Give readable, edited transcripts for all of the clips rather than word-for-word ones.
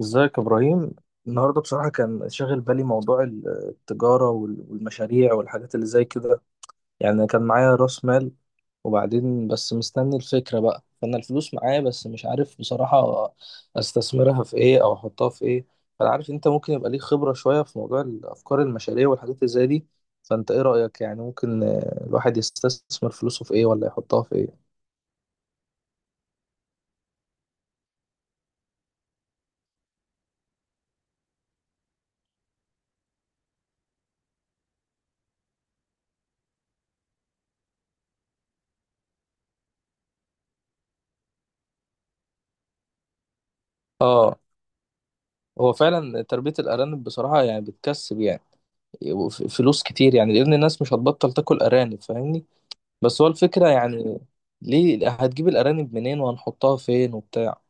ازيك يا ابراهيم. النهارده بصراحه كان شاغل بالي موضوع التجاره والمشاريع والحاجات اللي زي كده. يعني كان معايا راس مال، وبعدين بس مستني الفكره بقى، فانا الفلوس معايا، بس مش عارف بصراحه استثمرها في ايه او احطها في ايه. فانا عارف انت ممكن يبقى ليك خبره شويه في موضوع الافكار، المشاريع والحاجات اللي زي دي. فانت ايه رايك؟ يعني ممكن الواحد يستثمر فلوسه في ايه ولا يحطها في ايه؟ اه. هو فعلا تربيه الارانب بصراحه يعني بتكسب، يعني فلوس كتير، يعني لان الناس مش هتبطل تاكل ارانب، فاهمني؟ بس هو الفكره يعني ليه؟ هتجيب الارانب منين، وهنحطها فين وبتاع؟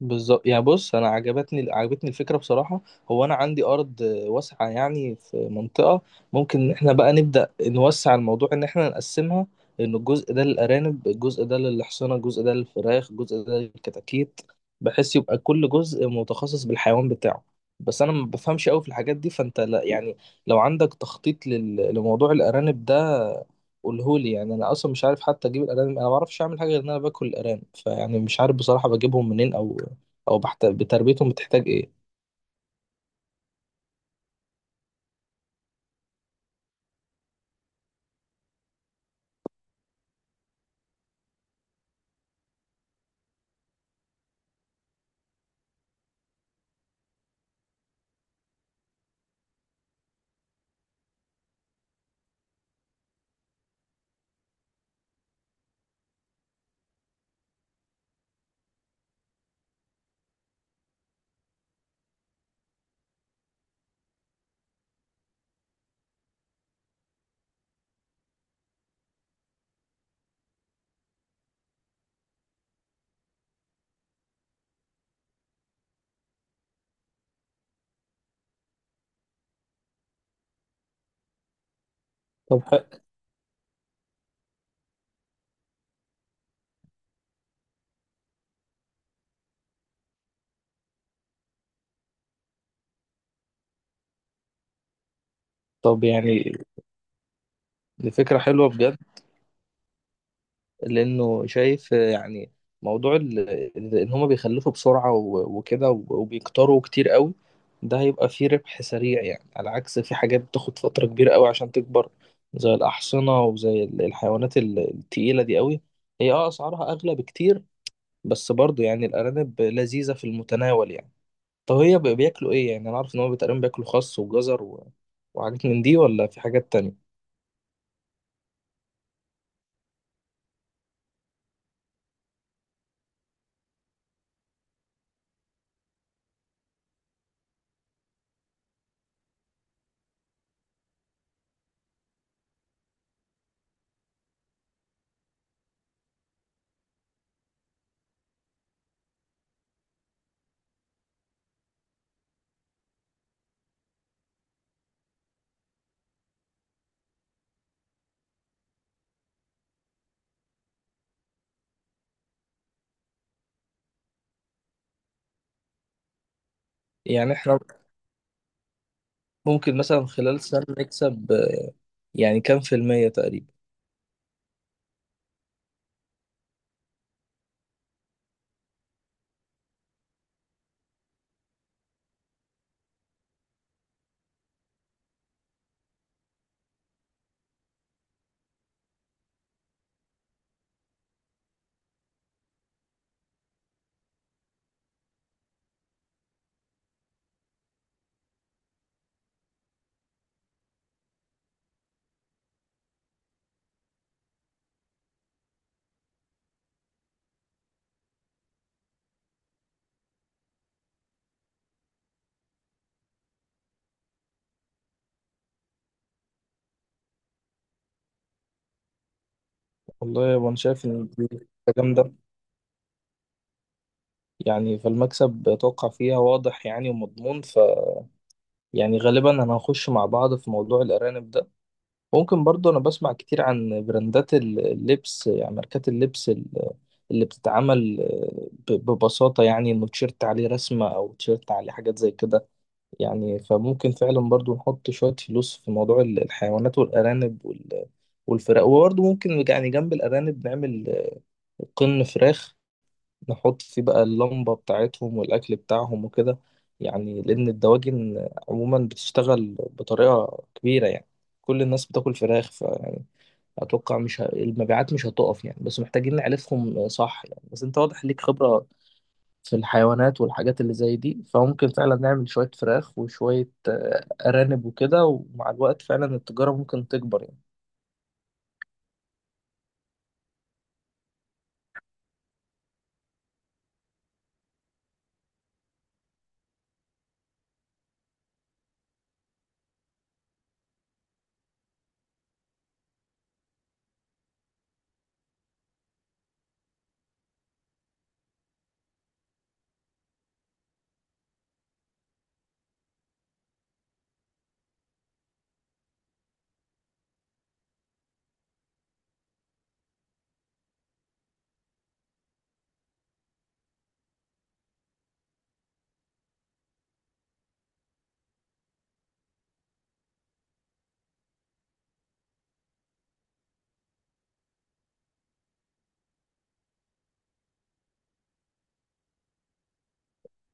بالظبط. يعني بص، انا عجبتني الفكره بصراحه. هو انا عندي ارض واسعه يعني، في منطقه. ممكن ان احنا بقى نبدا نوسع الموضوع، ان احنا نقسمها: ان الجزء ده للارانب، الجزء ده للحصنه، الجزء ده للفراخ، الجزء ده للكتاكيت، بحيث يبقى كل جزء متخصص بالحيوان بتاعه. بس انا ما بفهمش قوي في الحاجات دي، فانت، لا يعني، لو عندك تخطيط لموضوع الارانب ده قولهولي. يعني انا اصلا مش عارف حتى اجيب الارانب، انا ما بعرفش اعمل حاجه غير ان انا باكل الارانب، فيعني مش عارف بصراحه بجيبهم منين او بتربيتهم بتحتاج ايه. طب ح... طب يعني، دي فكرة حلوة بجد. لانه شايف، يعني موضوع، ان هما بيخلفوا بسرعة وكده وبيكتروا كتير قوي. ده هيبقى فيه ربح سريع، يعني على عكس في حاجات بتاخد فترة كبيرة قوي عشان تكبر، زي الأحصنة وزي الحيوانات التقيلة دي قوي، هي اسعارها اغلى بكتير. بس برضه يعني الارانب لذيذة في المتناول يعني. طب هي بياكلوا ايه؟ يعني انا عارف ان هم تقريبا بياكلوا خس وجزر وحاجات من دي، ولا في حاجات تانية؟ يعني احنا ممكن مثلا خلال سنة نكسب يعني كام في المية تقريبا؟ والله انا شايف ان دي حاجة جامدة، يعني فالمكسب اتوقع فيها واضح يعني ومضمون، يعني غالبا انا هخش مع بعض في موضوع الارانب ده. ممكن برضه، انا بسمع كتير عن براندات اللبس، يعني ماركات اللبس اللي بتتعمل ببساطة، يعني انه تيشيرت عليه رسمة، او تيشيرت عليه حاجات زي كده. يعني فممكن فعلا برضو نحط شوية فلوس في موضوع الحيوانات والأرانب والفراخ. وبرضو ممكن، يعني جنب الأرانب نعمل قرن فراخ، نحط فيه بقى اللمبة بتاعتهم والأكل بتاعهم وكده. يعني لأن الدواجن عموما بتشتغل بطريقة كبيرة، يعني كل الناس بتاكل فراخ، فيعني أتوقع مش المبيعات مش هتقف يعني، بس محتاجين نعرفهم صح. يعني بس أنت واضح ليك خبرة في الحيوانات والحاجات اللي زي دي، فممكن فعلا نعمل شوية فراخ وشوية أرانب وكده، ومع الوقت فعلا التجارة ممكن تكبر يعني.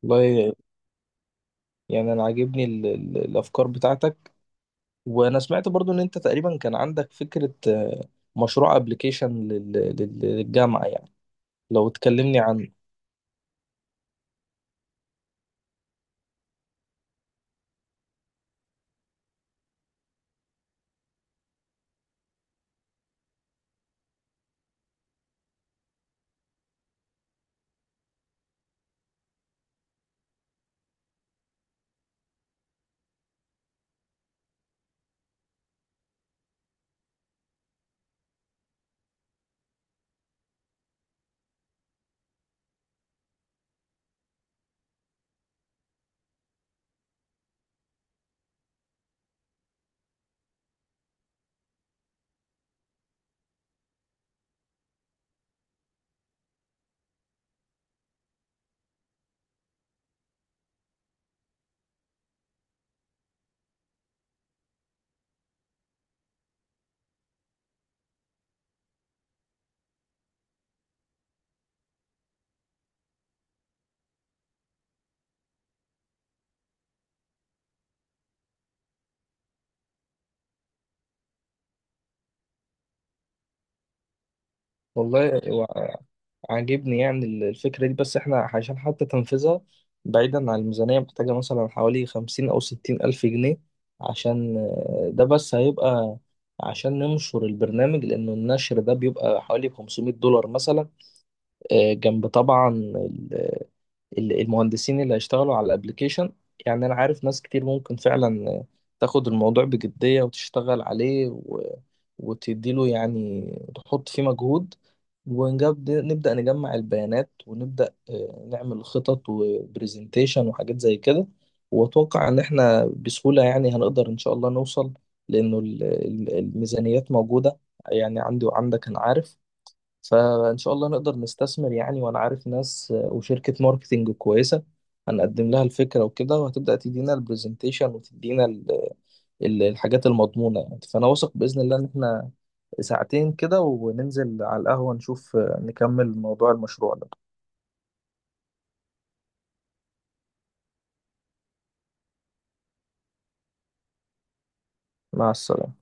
والله، يعني أنا عاجبني الأفكار بتاعتك. وأنا سمعت برضو إن أنت تقريبا كان عندك فكرة مشروع أبليكيشن للجامعة، يعني لو تكلمني عنه. والله عاجبني يعني الفكرة دي، بس احنا عشان حتى تنفذها بعيدا عن الميزانية محتاجة مثلا حوالي 50 أو 60 ألف جنيه. عشان، ده بس هيبقى عشان ننشر البرنامج، لأنه النشر ده بيبقى حوالي 500 دولار مثلا، جنب طبعا المهندسين اللي هيشتغلوا على الابليكيشن. يعني انا عارف ناس كتير ممكن فعلا تاخد الموضوع بجدية وتشتغل عليه وتديله، يعني تحط فيه مجهود. نبدأ نجمع البيانات، ونبدأ نعمل خطط وبرزنتيشن وحاجات زي كده. وأتوقع إن إحنا بسهولة يعني هنقدر إن شاء الله نوصل، لأنه الميزانيات موجودة يعني، عندي وعندك أنا عارف. فإن شاء الله نقدر نستثمر يعني، وأنا عارف ناس، وشركة ماركتينج كويسة هنقدم لها الفكرة وكده، وهتبدأ تدينا البرزنتيشن وتدينا الحاجات المضمونة يعني. فأنا واثق بإذن الله إن إحنا ساعتين كده وننزل على القهوة نشوف، نكمل موضوع المشروع ده. مع السلامة.